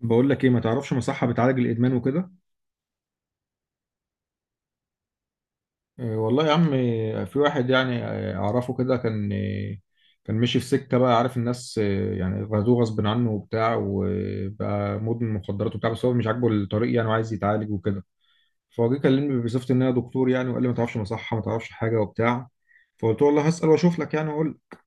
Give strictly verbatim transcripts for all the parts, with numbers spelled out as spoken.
بقول لك ايه، ما تعرفش مصحة بتعالج الادمان وكده. إيه والله يا عم، إيه، في واحد يعني، إيه، اعرفه كده، كان إيه، كان ماشي في سكه، بقى عارف الناس، إيه، يعني غزوه غصب عنه وبتاع، وبقى مدمن مخدرات وبتاع، بس هو مش عاجبه الطريق يعني، وعايز يتعالج وكده. فهو جه كلمني بصفتي ان انا دكتور يعني، وقال لي ما تعرفش مصحه، ما تعرفش حاجه وبتاع. فقلت له والله هسال واشوف لك يعني، واقول لك.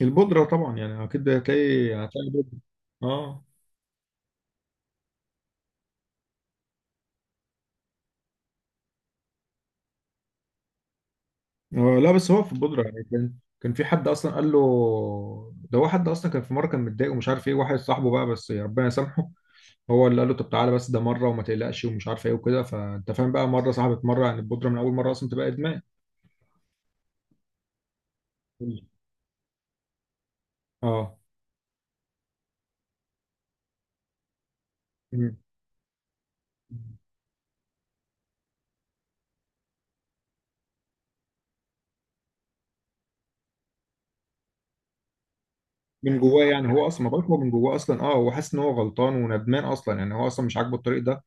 البودره طبعا، يعني اكيد هتلاقي هتلاقي بودره. اه. هو- لا، بس هو في البودرة يعني، كان كان في حد اصلا قال له. ده هو حد اصلا، كان في مره كان متضايق ومش عارف ايه، واحد صاحبه بقى، بس ربنا يسامحه. هو اللي قال له طب تعالى، بس ده مره وما تقلقش ومش عارف ايه وكده. فانت فاهم بقى، مره صاحبت مره يعني البودرة، من اول مره اصلا تبقى ادمان. اه. مم. من جواه يعني، هو اصلا ما بالك، هو من جواه اصلا، اه، هو حاسس ان هو غلطان وندمان اصلا يعني، هو اصلا مش عاجبه الطريق ده.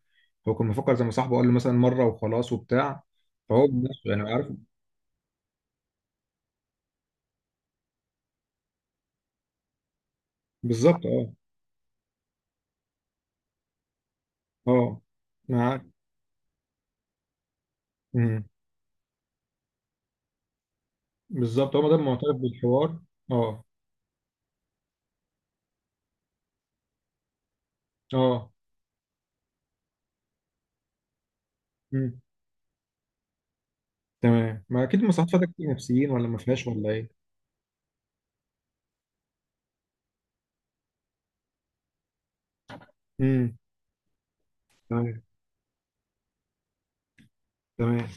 هو كان مفكر زي ما صاحبه قال له، مثلا مره وخلاص وبتاع. فهو بنفسه يعني عارف. بالظبط اه. اه، معاك. بالظبط، هو ما دام معترف بالحوار. اه. اه. امم تمام، ما اكيد المصحات فيها دكاتره نفسيين، ولا ما فيهاش، ولا ايه؟ امم تمام. تمام.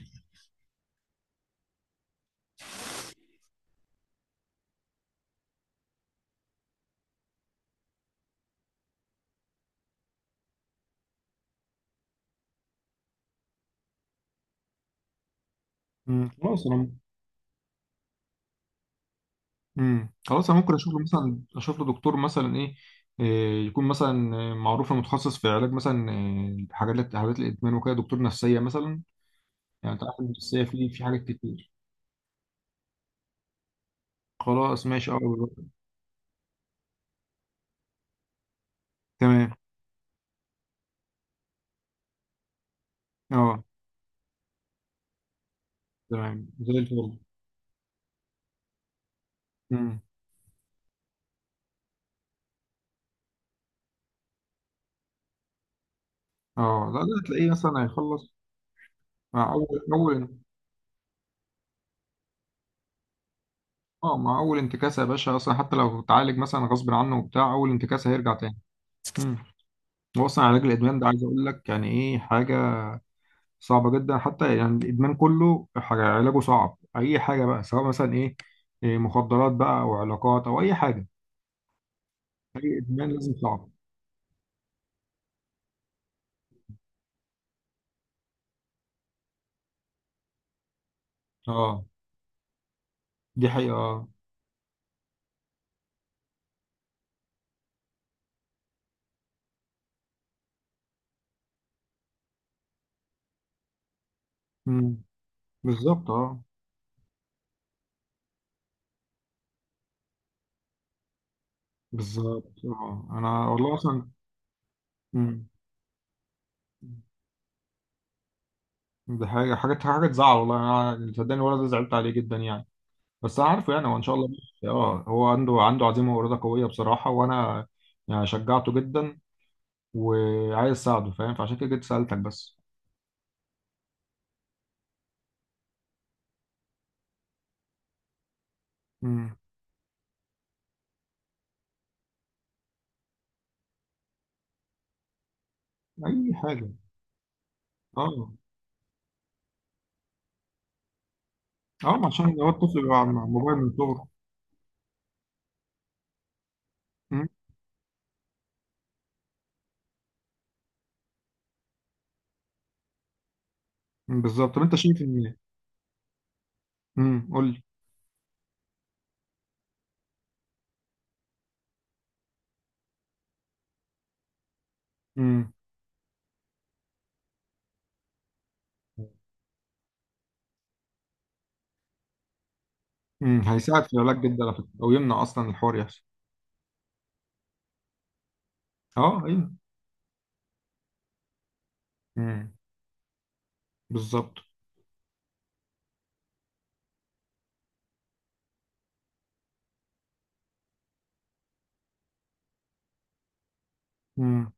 امم خلاص انا. امم خلاص انا ممكن اشوف له مثلا اشوف له دكتور مثلا ايه. إيه، يكون مثلا آه، معروف متخصص في علاج مثلا، آه، حاجات، حالات الادمان وكده، دكتور نفسيه مثلا. يعني انت عارف إن النفسيه في في حاجات كتير. خلاص ماشي اه. تمام. اه. تمام زي الفل. امم اه، لا، ده هتلاقيه مثلا هيخلص. مع اول اول اه، مع اول انتكاسه يا باشا، اصلا حتى لو اتعالج مثلا غصب عنه وبتاع، اول انتكاسه هيرجع تاني. امم هو اصلا علاج الادمان ده، عايز اقول لك يعني ايه، حاجه صعبه جدا، حتى يعني الادمان كله، حاجه علاجه صعب، اي حاجه بقى، سواء مثلا ايه إيه، مخدرات بقى، او علاقات، او اي حاجه. اي ادمان لازم صعب. اه. دي حقيقه اه. امم بالظبط اه. بالظبط اه، انا والله اصلا. امم دي حاجه حاجه حاجه تزعل، والله انا، صدقني الولد ده زعلت عليه جدا يعني. بس عارفه يعني، هو ان شاء الله ماشي. اه، هو عنده عنده عزيمه واراده قويه بصراحه، وانا يعني شجعته جدا، وعايز اساعده فاهم، فعشان كده جيت سالتك بس. امم اي حاجه. اه. اه، عشان هو الطفل بيبقى على الموبايل من صغره. امم بالظبط. طب انت شايف ان. امم قول لي. امم امم هيساعد في العلاج جدا على فكره، او يمنع اصلا الحوار يحصل. اه ايوه. امم بالظبط. امم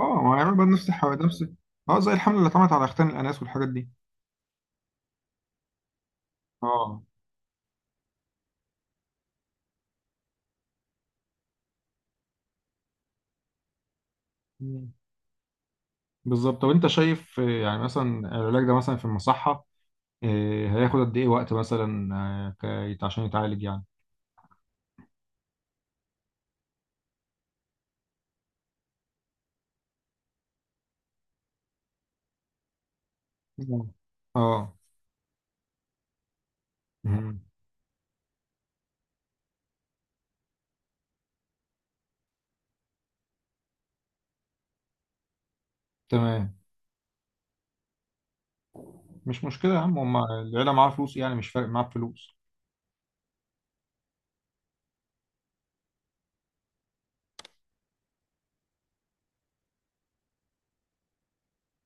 اه، ما هيعمل بقى نفس الحوادث، نفس اه، زي الحمله اللي اتعملت على اختان الاناث والحاجات دي. اه، بالظبط. طب انت شايف آه، يعني مثلا العلاج ده مثلا في المصحة، آه، هياخد قد ايه وقت مثلا، آه، ك- عشان يتعالج يعني. مم. اه. مهم. تمام. مش مشكلة يا عم، هما العيلة معاها فلوس يعني، مش فارق معاها فلوس.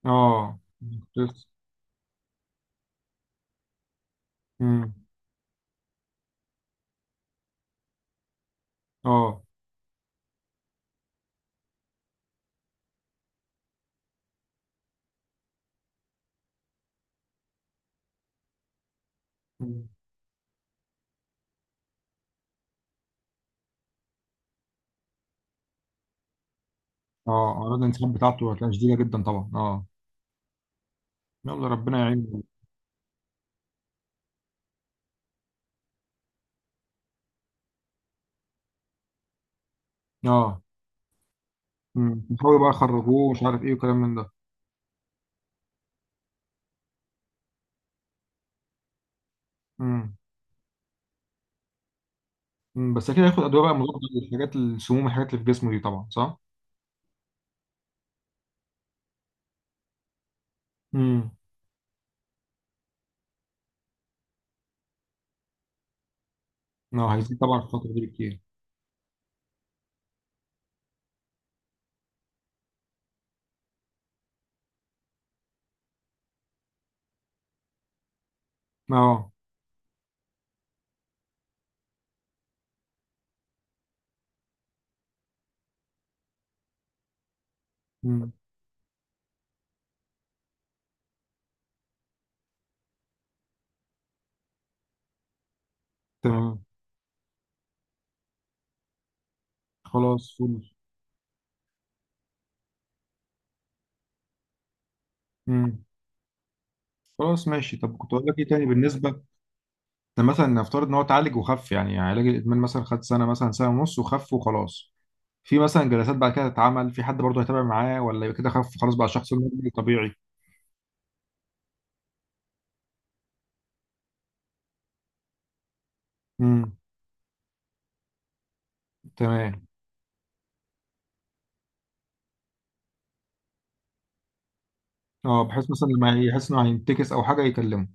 اه. بس. مم. اه. مم. اه، أعراض الانسحاب بتاعته هتلاقيها شديدة جدا طبعا، اه، يلا ربنا يعينه. اه. مم. يحاولوا بقى يخرجوه، ومش عارف ايه، وكلام من ده. مم. مم. بس أكيد هياخد أدوية بقى مضادة للحاجات، السموم، الحاجات اللي في جسمه دي طبعا، صح؟ مم. اه، هيزيد طبعا في الفترة دي بكتير. اه. مم. تمام. خلاص فل. مم. خلاص ماشي، طب كنت اقول لك ايه تاني بالنسبة، ده مثلا نفترض ان هو اتعالج وخف، يعني علاج الادمان مثلا خد سنة، مثلا سنة ونص وخف وخلاص. في مثلا جلسات بعد كده تتعمل؟ في حد برضه هيتابع معاه، ولا يبقى كده خف خلاص، بقى شخص نورمالي طبيعي؟ امم تمام. اه، بحيث مثلا لما يحس انه هينتكس او حاجة يكلمه.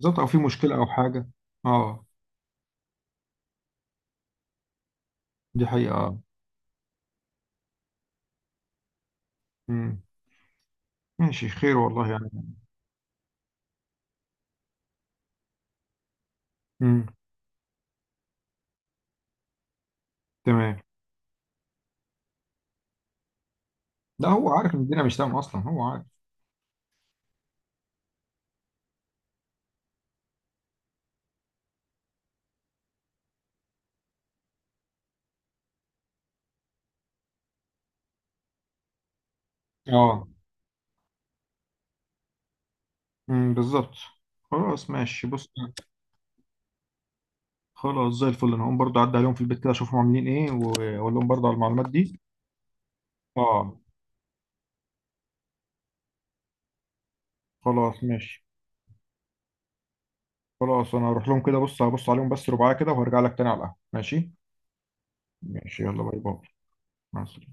بالظبط، او في مشكلة او حاجة. اه، دي حقيقة اه. مم. ماشي، خير والله يعني. امم تمام. لا، هو عارف ان الدنيا مش تمام اصلا، هو عارف. اه. أمم، بالظبط. خلاص ماشي، بص. خلاص زي الفل، انا هقوم برضه اعدي عليهم في البيت كده، اشوفهم عاملين ايه و- واقول لهم برضه على المعلومات دي. اه. خلاص ماشي. خلاص انا هروح لهم كده، بص هبص عليهم بس رباعية كده، وهرجع لك تاني على القهوة، ماشي. ماشي يلا، باي باي. مع السلامة.